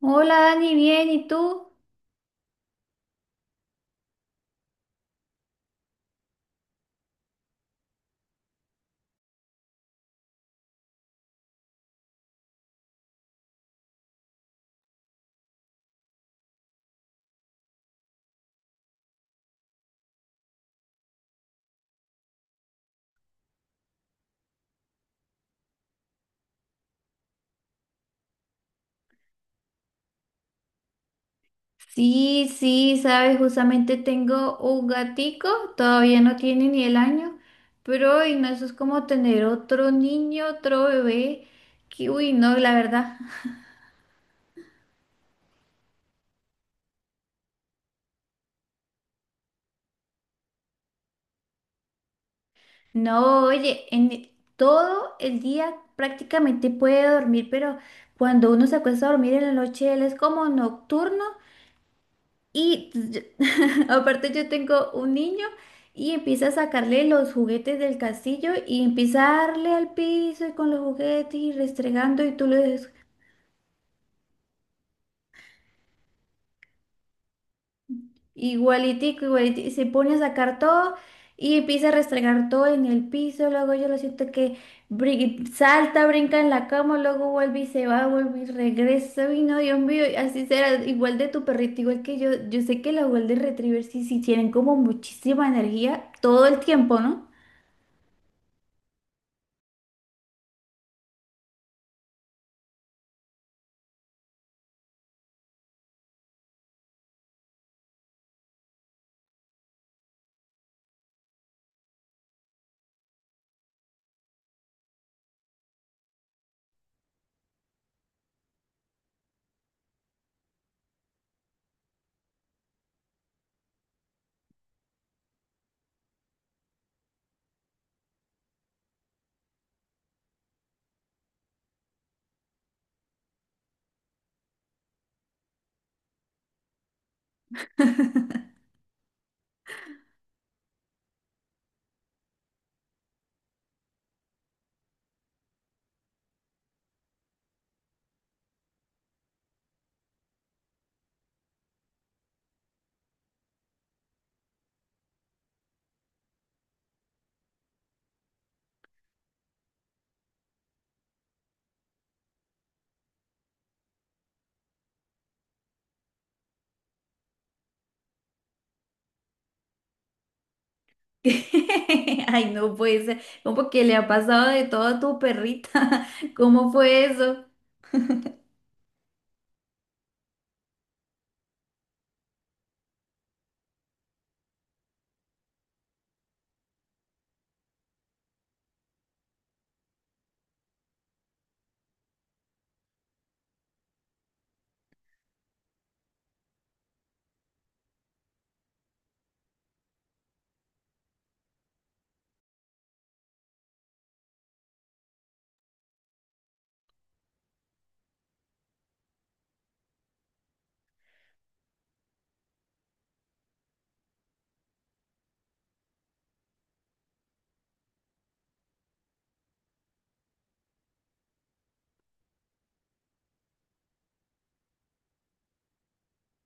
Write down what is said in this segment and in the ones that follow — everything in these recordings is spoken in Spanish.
Hola Dani, bien, ¿y tú? Sí, sí, sabes, justamente tengo un gatico, todavía no tiene ni el año, pero uy, no, eso es como tener otro niño, otro bebé, que uy, no, la verdad. No, oye, en todo el día prácticamente puede dormir, pero cuando uno se acuesta a dormir en la noche, él es como nocturno. Y yo- Aparte yo tengo un niño y empieza a sacarle los juguetes del castillo y empieza a darle al piso y con los juguetes y restregando y tú lo des igualitico, igualitico, y se pone a sacar todo y empieza a restregar todo en el piso, luego yo lo siento que salta, brinca en la cama, luego vuelve y se va, vuelve y regresa, y no, Dios mío, y así será, igual de tu perrito, igual que yo sé que los Golden Retrievers sí, sí tienen como muchísima energía todo el tiempo, ¿no? Ay, no puede ser. ¿Cómo que le ha pasado de todo a tu perrita? ¿Cómo fue eso?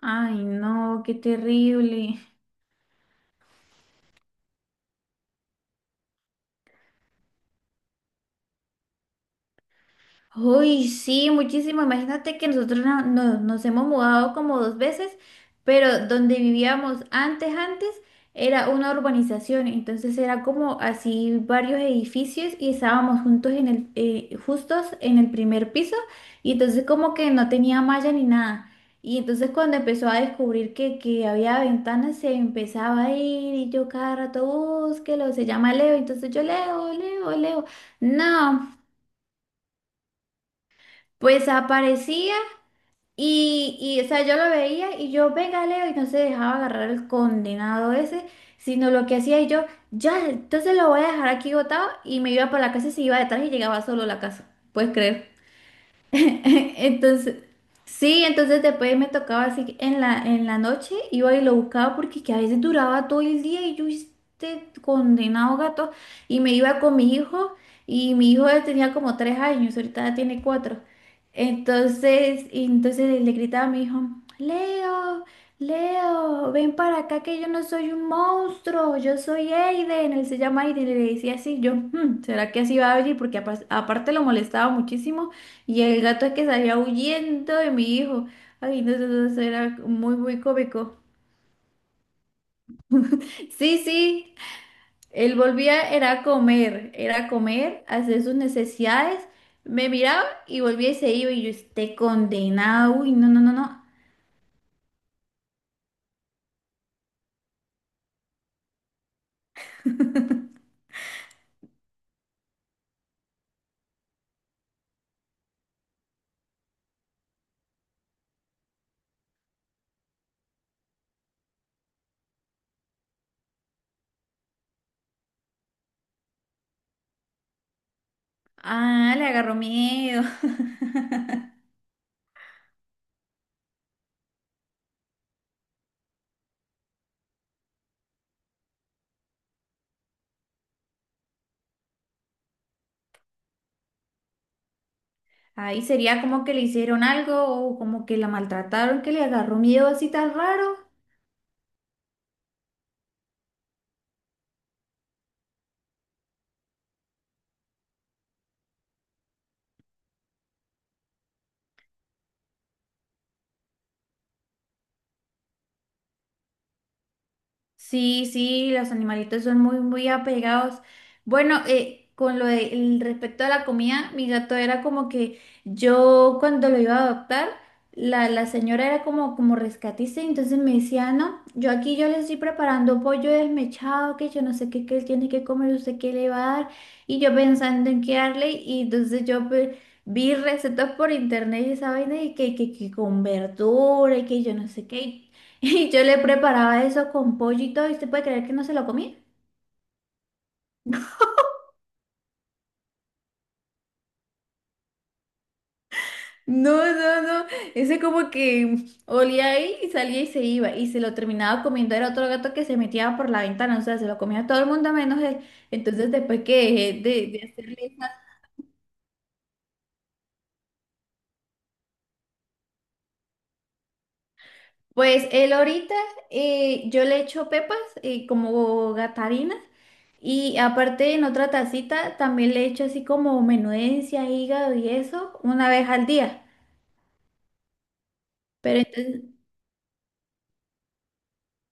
Ay, no, qué terrible. Uy, sí, muchísimo. Imagínate que nosotros nos hemos mudado como dos veces, pero donde vivíamos antes, era una urbanización, entonces era como así varios edificios y estábamos juntos justos en el primer piso y entonces como que no tenía malla ni nada. Y entonces cuando empezó a descubrir que había ventanas, se empezaba a ir y yo cada rato, búsquelo, se llama Leo, entonces yo Leo, Leo, Leo. No. Pues aparecía y, o sea, yo lo veía y yo, venga, Leo, y no se dejaba agarrar el condenado ese, sino lo que hacía y yo, ya, entonces lo voy a dejar aquí botado y me iba para la casa y se iba detrás y llegaba solo a la casa. ¿Puedes creer? Entonces, sí, entonces después me tocaba así que en la noche, iba y lo buscaba porque que a veces duraba todo el día y yo este condenado gato y me iba con mi hijo y mi hijo él tenía como 3 años, ahorita ya tiene cuatro. Entonces le gritaba a mi hijo, Leo, Leo, ven para acá que yo no soy un monstruo, yo soy Aiden, él se llama Aiden, y le decía así, yo, "Hmm, ¿será que así va a venir?" Porque aparte lo molestaba muchísimo y el gato que salía huyendo de mi hijo. Ay, no, eso era muy, muy cómico. Sí, sí, él volvía, era a comer, a hacer sus necesidades. Me miraba y volvía y se iba. Y yo, esté condenado. Uy, no, no, no, no. Ah, le agarró miedo. Ahí sería como que le hicieron algo o como que la maltrataron, que le agarró miedo así tan raro. Sí, sí, los animalitos son muy, muy apegados. Bueno, con lo respecto a la comida, mi gato era como que yo cuando lo iba a adoptar, la señora era como rescatista, entonces me decía, no, yo aquí yo le estoy preparando pollo desmechado, que yo no sé qué, que él tiene que comer, usted qué le va a dar, y yo pensando en qué darle, y entonces yo pues, vi recetas por internet y esa vaina, y que con verdura, y que yo no sé qué. Y yo le preparaba eso con pollo y todo, ¿y usted puede creer que no se lo comía? No, no, no, ese como que olía ahí y salía y se iba y se lo terminaba comiendo, era otro gato que se metía por la ventana, o sea, se lo comía todo el mundo menos él. Entonces después que dejé de hacerle esas, pues él ahorita yo le echo pepas, como gatarinas, y aparte en otra tacita también le echo así como menudencia, hígado y eso una vez al día. Pero entonces...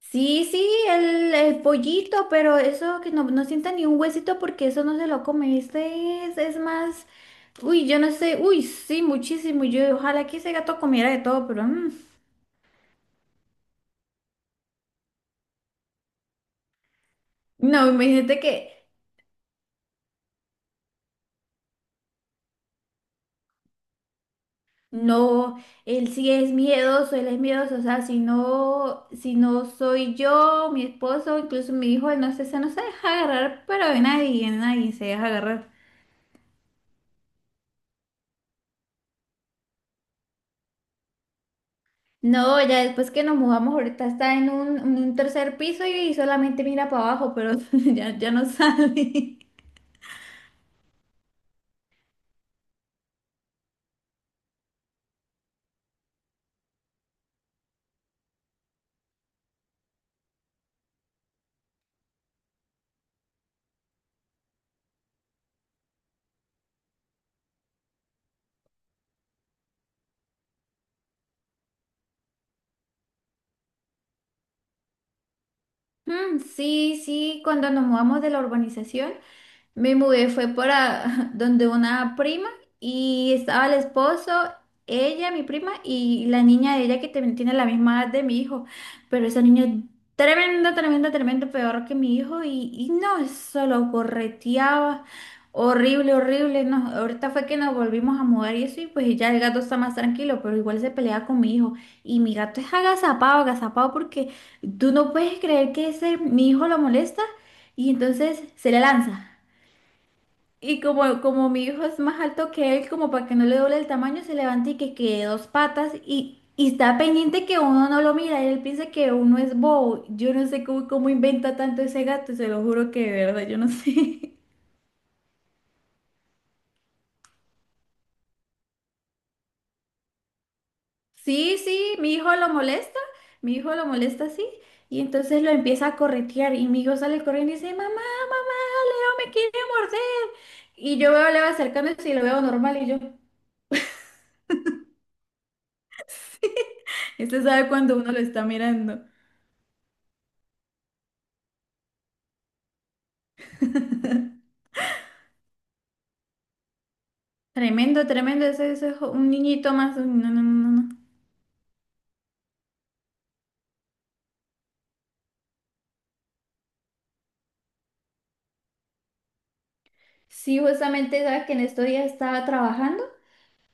Sí, sí, el pollito, pero eso que no, no sienta ni un huesito porque eso no se lo come. Este es más, uy, yo no sé, uy, sí, muchísimo. Yo ojalá que ese gato comiera de todo, pero no, imagínate que no, él sí es miedoso, él es miedoso. O sea, si no soy yo, mi esposo, incluso mi hijo, él no se deja agarrar, pero de nadie se deja agarrar. No, ya después que nos mudamos, ahorita está en un tercer piso y solamente mira para abajo, pero ya, ya no sale. Mm, sí, sí, cuando nos mudamos de la urbanización, me mudé, fue para donde una prima, y estaba el esposo, ella, mi prima y la niña de ella que también tiene la misma edad de mi hijo, pero esa niña es tremenda, tremenda, tremenda, peor que mi hijo y no, eso lo correteaba, horrible, horrible, no, ahorita fue que nos volvimos a mudar y eso y pues ya el gato está más tranquilo, pero igual se pelea con mi hijo y mi gato es agazapado, agazapado porque... Tú no puedes creer que ese mi hijo lo molesta y entonces se le lanza. Y como mi hijo es más alto que él, como para que no le doble el tamaño, se levanta y que quede dos patas, y está pendiente que uno no lo mira. Él piensa que uno es bobo. Yo no sé cómo inventa tanto ese gato, se lo juro que de verdad, yo no sé. Sí, sí, mi hijo lo molesta, mi hijo lo molesta así, y entonces lo empieza a corretear y mi hijo sale corriendo y dice, mamá, mamá, Leo me quiere morder. Y yo veo a Leo acercándose y lo veo normal y yo, este sabe cuando uno lo está mirando. Tremendo, tremendo, ese es un niñito más. Uy, no, no, no, no, no. Sí, justamente sabes que en estos días estaba trabajando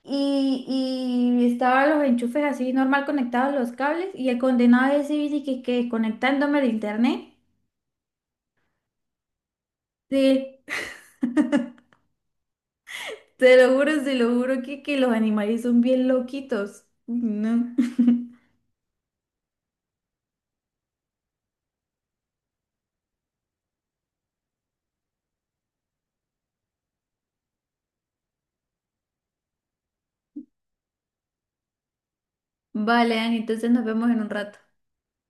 y estaba los enchufes así normal conectados los cables y el condenado ese bici que conectándome al internet. Sí. Te lo juro que los animales son bien loquitos. Uy, no. Vale, Dani, entonces nos vemos en un rato.